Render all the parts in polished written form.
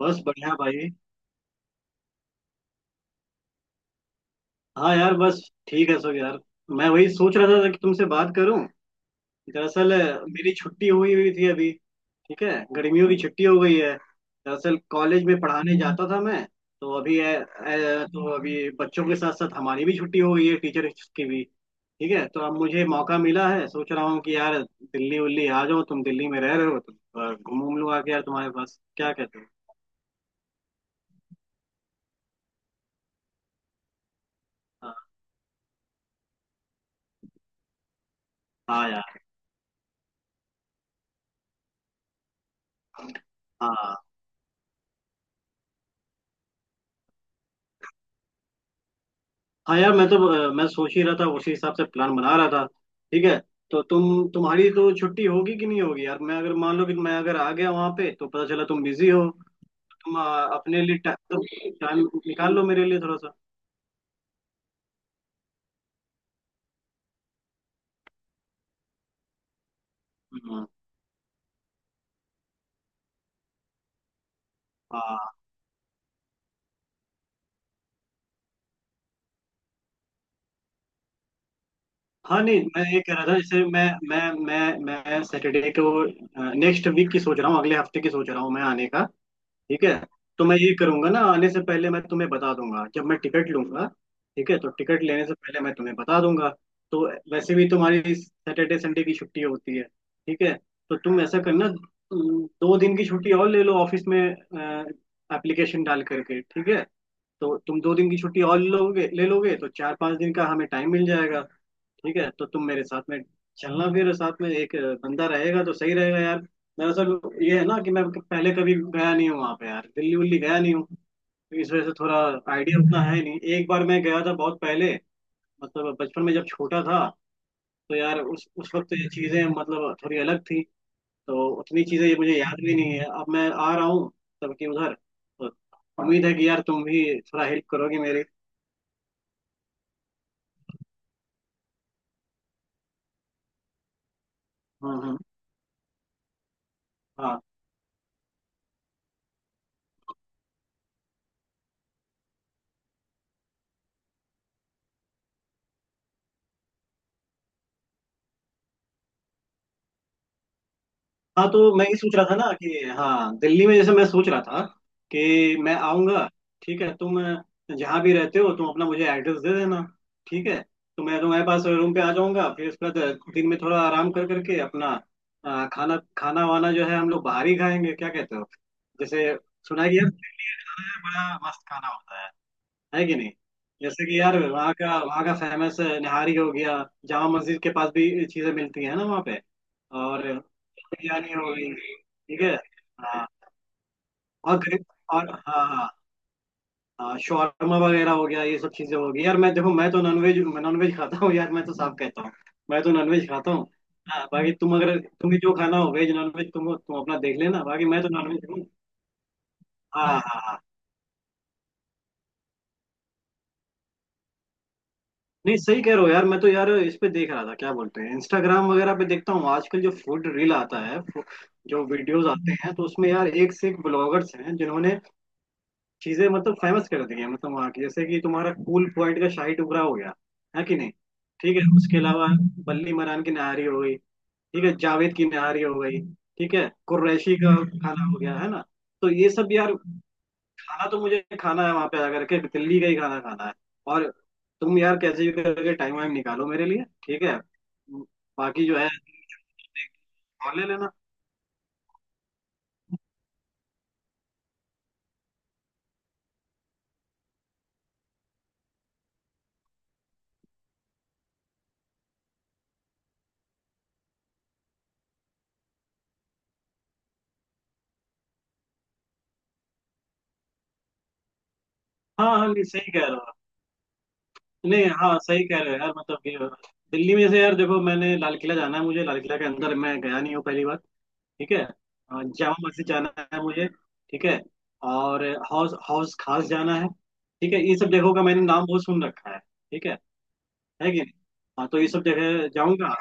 बस बढ़िया भाई। हाँ यार बस, ठीक है सब यार। मैं वही सोच रहा था कि तुमसे बात करूं। दरअसल मेरी छुट्टी हुई हुई थी अभी। ठीक है। गर्मियों की छुट्टी हो गई है, दरअसल कॉलेज में पढ़ाने जाता था मैं। तो अभी तो अभी बच्चों के साथ साथ हमारी भी छुट्टी हो गई है, टीचर्स की भी। ठीक है। तो अब मुझे मौका मिला है, सोच रहा हूँ कि यार दिल्ली उल्ली आ जाओ, तुम दिल्ली में रह रहे हो तो घूम लूँ आके यार तुम्हारे पास, क्या कहते हो? हाँ हाँ यार। हाँ हाँ यार, मैं तो मैं सोच ही रहा था, उसी हिसाब से प्लान बना रहा था। ठीक है। तो तुम्हारी तो छुट्टी होगी कि नहीं होगी यार? मैं अगर मान लो कि मैं अगर आ गया वहां पे तो पता चला तुम बिजी हो। तुम अपने लिए टाइम, टाइम निकाल लो मेरे लिए थोड़ा सा। हम्म। हाँ हाँ, नहीं मैं ये कह रहा था, जैसे मैं सैटरडे को, नेक्स्ट वीक की सोच रहा हूँ, अगले हफ्ते की सोच रहा हूँ मैं आने का। ठीक है। तो मैं ये करूंगा ना, आने से पहले मैं तुम्हें बता दूंगा जब मैं टिकट लूंगा। ठीक है, तो टिकट लेने से पहले मैं तुम्हें बता दूंगा। तो वैसे भी तुम्हारी सैटरडे संडे की छुट्टी होती है, ठीक है। तो तुम ऐसा करना, तुम दो दिन की छुट्टी और ले लो ऑफिस में एप्लीकेशन डाल करके, ठीक है। तो तुम दो दिन की छुट्टी और लोगे, ले लोगे तो चार पांच दिन का हमें टाइम मिल जाएगा। ठीक है, तो तुम मेरे साथ में चलना, फिर साथ में एक बंदा रहेगा तो सही रहेगा यार। दरअसल ये है ना कि मैं पहले कभी गया नहीं हूँ वहाँ पे यार, दिल्ली उल्ली गया नहीं हूँ। तो इस वजह से थोड़ा आइडिया उतना है नहीं, एक बार मैं गया था बहुत पहले, मतलब बचपन में जब छोटा था। तो यार उस वक्त ये चीज़ें मतलब थोड़ी अलग थी। तो उतनी चीज़ें ये मुझे याद भी नहीं है अब मैं आ रहा हूँ तब की उधर तो। उम्मीद है कि यार तुम भी थोड़ा हेल्प करोगे मेरे। हम्म। हाँ हाँ। तो मैं ये सोच रहा था ना कि, हाँ दिल्ली में, जैसे मैं सोच रहा था कि मैं आऊँगा। ठीक है, तुम जहाँ भी रहते हो तुम अपना मुझे एड्रेस दे देना, ठीक है। तो मैं तुम्हारे पास रूम पे आ जाऊँगा, फिर उसके बाद दिन में थोड़ा आराम कर करके अपना खाना खाना वाना जो है हम लोग बाहर ही खाएंगे, क्या कहते हो? जैसे सुना है कि यार दिल्ली में बड़ा मस्त खाना होता है कि नहीं? जैसे कि यार वहाँ का फेमस निहारी हो गया, जामा मस्जिद के पास भी चीजें मिलती है ना वहाँ पे, और बिरयानी हो गई, ठीक है। हाँ और गरीब और हाँ हाँ। हाँ शौरमा वगैरह हो गया, ये सब चीजें हो गई यार। मैं देखो, मैं तो नॉनवेज नॉनवेज खाता हूँ यार, मैं तो साफ कहता हूँ, मैं तो नॉनवेज खाता हूँ। हाँ बाकी तुम, अगर तुम्हें जो खाना हो वेज नॉनवेज, तुम अपना देख लेना, बाकी मैं तो नॉनवेज हूँ। हाँ हाँ हाँ। नहीं सही कह रहे हो यार। मैं तो यार इस पे देख रहा था, क्या बोलते हैं, इंस्टाग्राम वगैरह पे देखता हूँ आजकल, जो फूड रील आता है, जो वीडियोस आते हैं, तो उसमें यार एक से एक ब्लॉगर्स हैं जिन्होंने चीजें मतलब फेमस कर दी है, मतलब वहाँ की, जैसे कि तुम्हारा कूल पॉइंट का शाही टुकड़ा हो गया, है कि नहीं? ठीक है, उसके अलावा बल्ली मरान की नहारी हो गई, ठीक है, जावेद की नहारी हो गई, ठीक है, कुरैशी का खाना हो गया, है ना? तो ये सब यार खाना तो मुझे खाना है वहां पे आकर के, दिल्ली का ही खाना खाना है। और तुम यार कैसे भी करके टाइम वाइम निकालो मेरे लिए, ठीक है। बाकी जो है और ले लेना। हाँ हाँ, नहीं सही कह रहे हो, नहीं हाँ सही कह रहे हो यार, मतलब कि दिल्ली में से, यार देखो, मैंने लाल किला जाना है, मुझे लाल किला के अंदर मैं गया नहीं हूँ पहली बार। ठीक है। जामा मस्जिद जाना है मुझे, ठीक है। और हाउस हाउस खास जाना है, ठीक है। ये सब जगहों का मैंने नाम बहुत सुन रखा है, ठीक है कि नहीं? हाँ तो ये सब जगह जाऊंगा।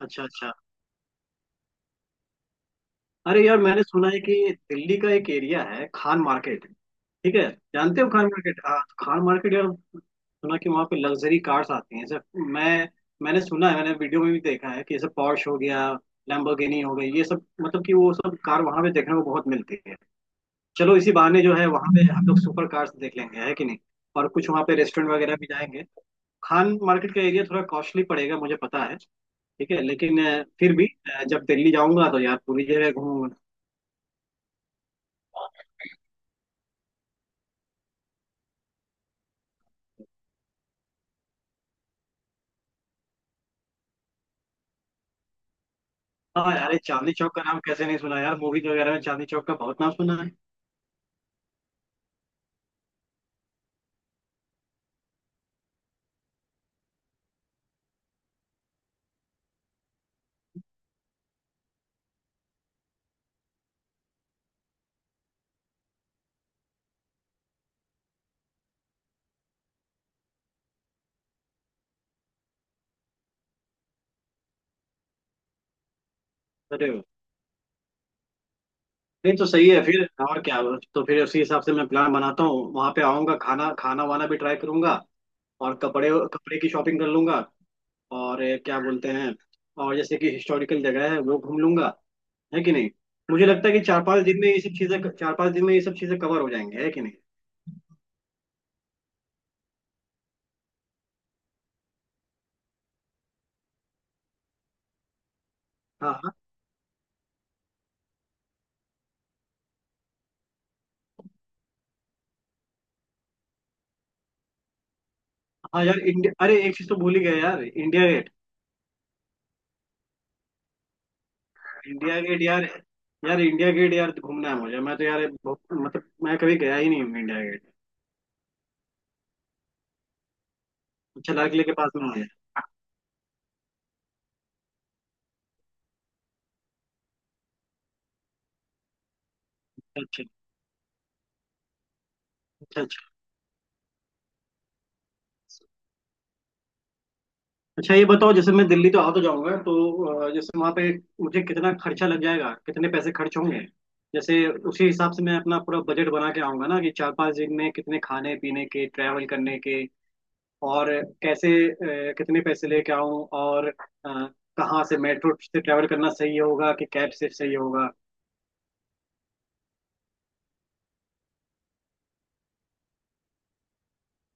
अच्छा अच्छा। अरे यार मैंने सुना है कि दिल्ली का एक एरिया है खान मार्केट, ठीक है। जानते हो खान मार्केट? हाँ तो खान मार्केट यार, सुना कि वहाँ पे लग्जरी कार्स आती हैं सर। मैं मैंने सुना है, मैंने वीडियो में भी देखा है कि जैसे पॉर्श हो गया, लैम्बोर्गिनी हो गई, ये सब, मतलब कि वो सब कार वहाँ पे देखने को बहुत मिलती है। चलो इसी बहाने जो है वहाँ पे हम लोग सुपर कार्स देख लेंगे, है कि नहीं? और कुछ वहाँ पे रेस्टोरेंट वगैरह भी जाएंगे। खान मार्केट का एरिया थोड़ा कॉस्टली पड़ेगा मुझे पता है, ठीक है, लेकिन फिर भी जब दिल्ली जाऊंगा तो यार पूरी जगह घूमूंगा। हाँ यार ये चांदनी चौक का नाम कैसे नहीं सुना यार, मूवीज वगैरह में चांदनी चौक का बहुत नाम सुना है। अरे वाह। नहीं तो सही है फिर, और क्या। तो फिर उसी हिसाब से मैं प्लान बनाता हूँ, वहां पे आऊंगा, खाना खाना वाना भी ट्राई करूंगा, और कपड़े कपड़े की शॉपिंग कर लूंगा। और ये क्या बोलते हैं, और जैसे कि हिस्टोरिकल जगह है वो घूम लूंगा, है कि नहीं? मुझे लगता है कि चार पांच दिन में ये सब चीजें, चार पांच दिन में ये सब चीजें कवर हो जाएंगे, है कि नहीं? हाँ हाँ हाँ यार इंडिया, अरे एक चीज तो भूल ही गया यार, इंडिया इंडिया गेट यार, यार इंडिया गेट यार घूमना है मुझे, मैं तो यार बहुत मतलब मैं कभी गया ही नहीं हूँ इंडिया गेट। अच्छा लाल किले के पास में? मुझे अच्छा अच्छा। अच्छा अच्छा, ये बताओ, जैसे मैं दिल्ली तो आ तो जाऊंगा तो जैसे वहां पे मुझे कितना खर्चा लग जाएगा, कितने पैसे खर्च होंगे जैसे, उसी हिसाब से मैं अपना पूरा बजट बना के आऊंगा ना, कि चार पांच दिन में कितने खाने पीने के, ट्रैवल करने के, और कैसे कितने पैसे लेके आऊं, और कहाँ से, मेट्रो से ट्रैवल करना सही होगा कि कैब से सही होगा?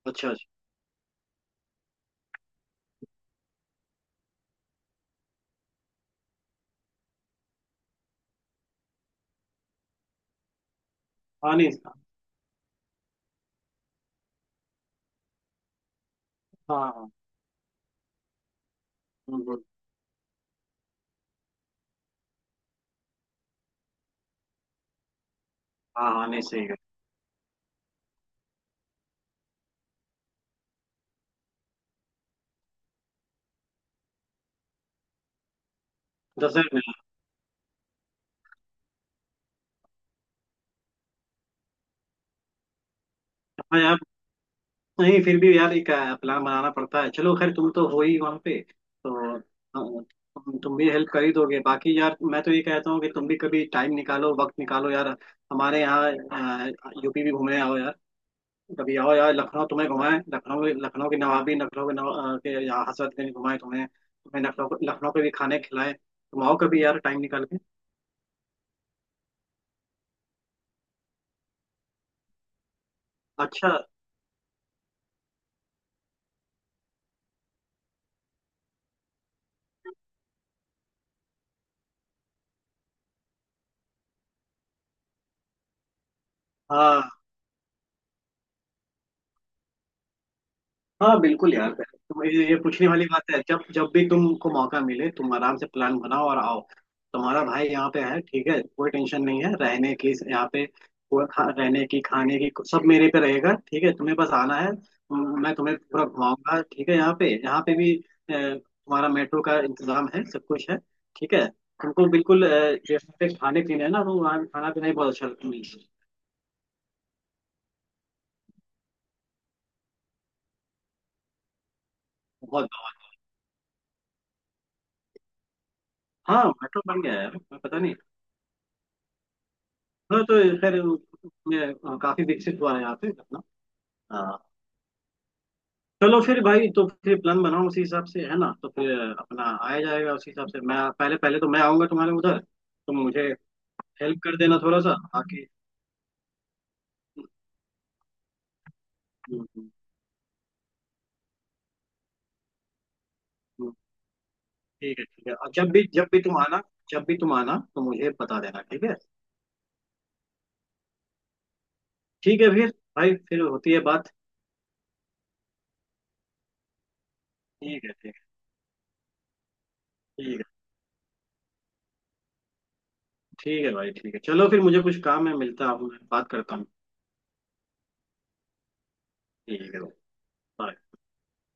अच्छा अच्छा। हानिस का। हाँ हाँ। हम्म हम्म। हाँ हानिस सही है। दशहर में। हाँ यार, नहीं फिर भी यार एक प्लान बनाना पड़ता है, चलो खैर तुम तो हो ही वहाँ पे तो हाँ, तुम भी हेल्प कर ही दोगे। बाकी यार मैं तो ये कहता हूँ कि तुम भी कभी टाइम निकालो, वक्त निकालो यार, हमारे यहाँ यूपी भी घूमने आओ यार। कभी आओ यार, लखनऊ तुम्हें घुमाएं, लखनऊ लखनऊ की नवाबी, लखनऊ के नवा के यहाँ हजरतगंज घुमाएं तुम्हें, लखनऊ लखनऊ के भी खाने खिलाएं, तुम आओ कभी यार टाइम निकाल के। अच्छा हाँ हाँ बिल्कुल यार। तुम ये पूछने वाली बात है, जब जब भी तुमको मौका मिले तुम आराम से प्लान बनाओ और आओ। तुम्हारा भाई यहाँ पे है, ठीक है, कोई टेंशन नहीं है रहने की यहाँ पे। कोई रहने की खाने की सब मेरे पे रहेगा, ठीक है। तुम्हें बस आना है, मैं तुम्हें पूरा घुमाऊंगा, ठीक है। यहाँ पे भी तुम्हारा मेट्रो का इंतजाम है, सब कुछ है, ठीक है। तुमको बिल्कुल जैसे पे खाने पीने है ना, तो वहाँ खाना पीना ही बहुत अच्छा मिलता है। बहुत बहुत। हाँ मेट्रो बन गया है, मैं पता नहीं। हाँ तो खैर मैं, हाँ, काफी विकसित हुआ है यहाँ पे अपना। हाँ। चलो फिर भाई, तो फिर प्लान बनाओ उसी हिसाब से, है ना, तो फिर अपना आया जाएगा उसी हिसाब से। मैं पहले पहले तो मैं आऊंगा तुम्हारे उधर, तो मुझे हेल्प कर देना थोड़ा सा बाकी। हम्म हम्म। हम्म। ठीक है ठीक है, और जब भी तुम आना, जब भी तुम आना तो मुझे बता देना, ठीक है। ठीक है फिर भाई, फिर होती है बात। ठीक है ठीक है। ठीक है ठीक है भाई, ठीक है चलो फिर, मुझे कुछ काम है, मिलता हूँ, बात करता हूँ। ठीक है भाई, bye।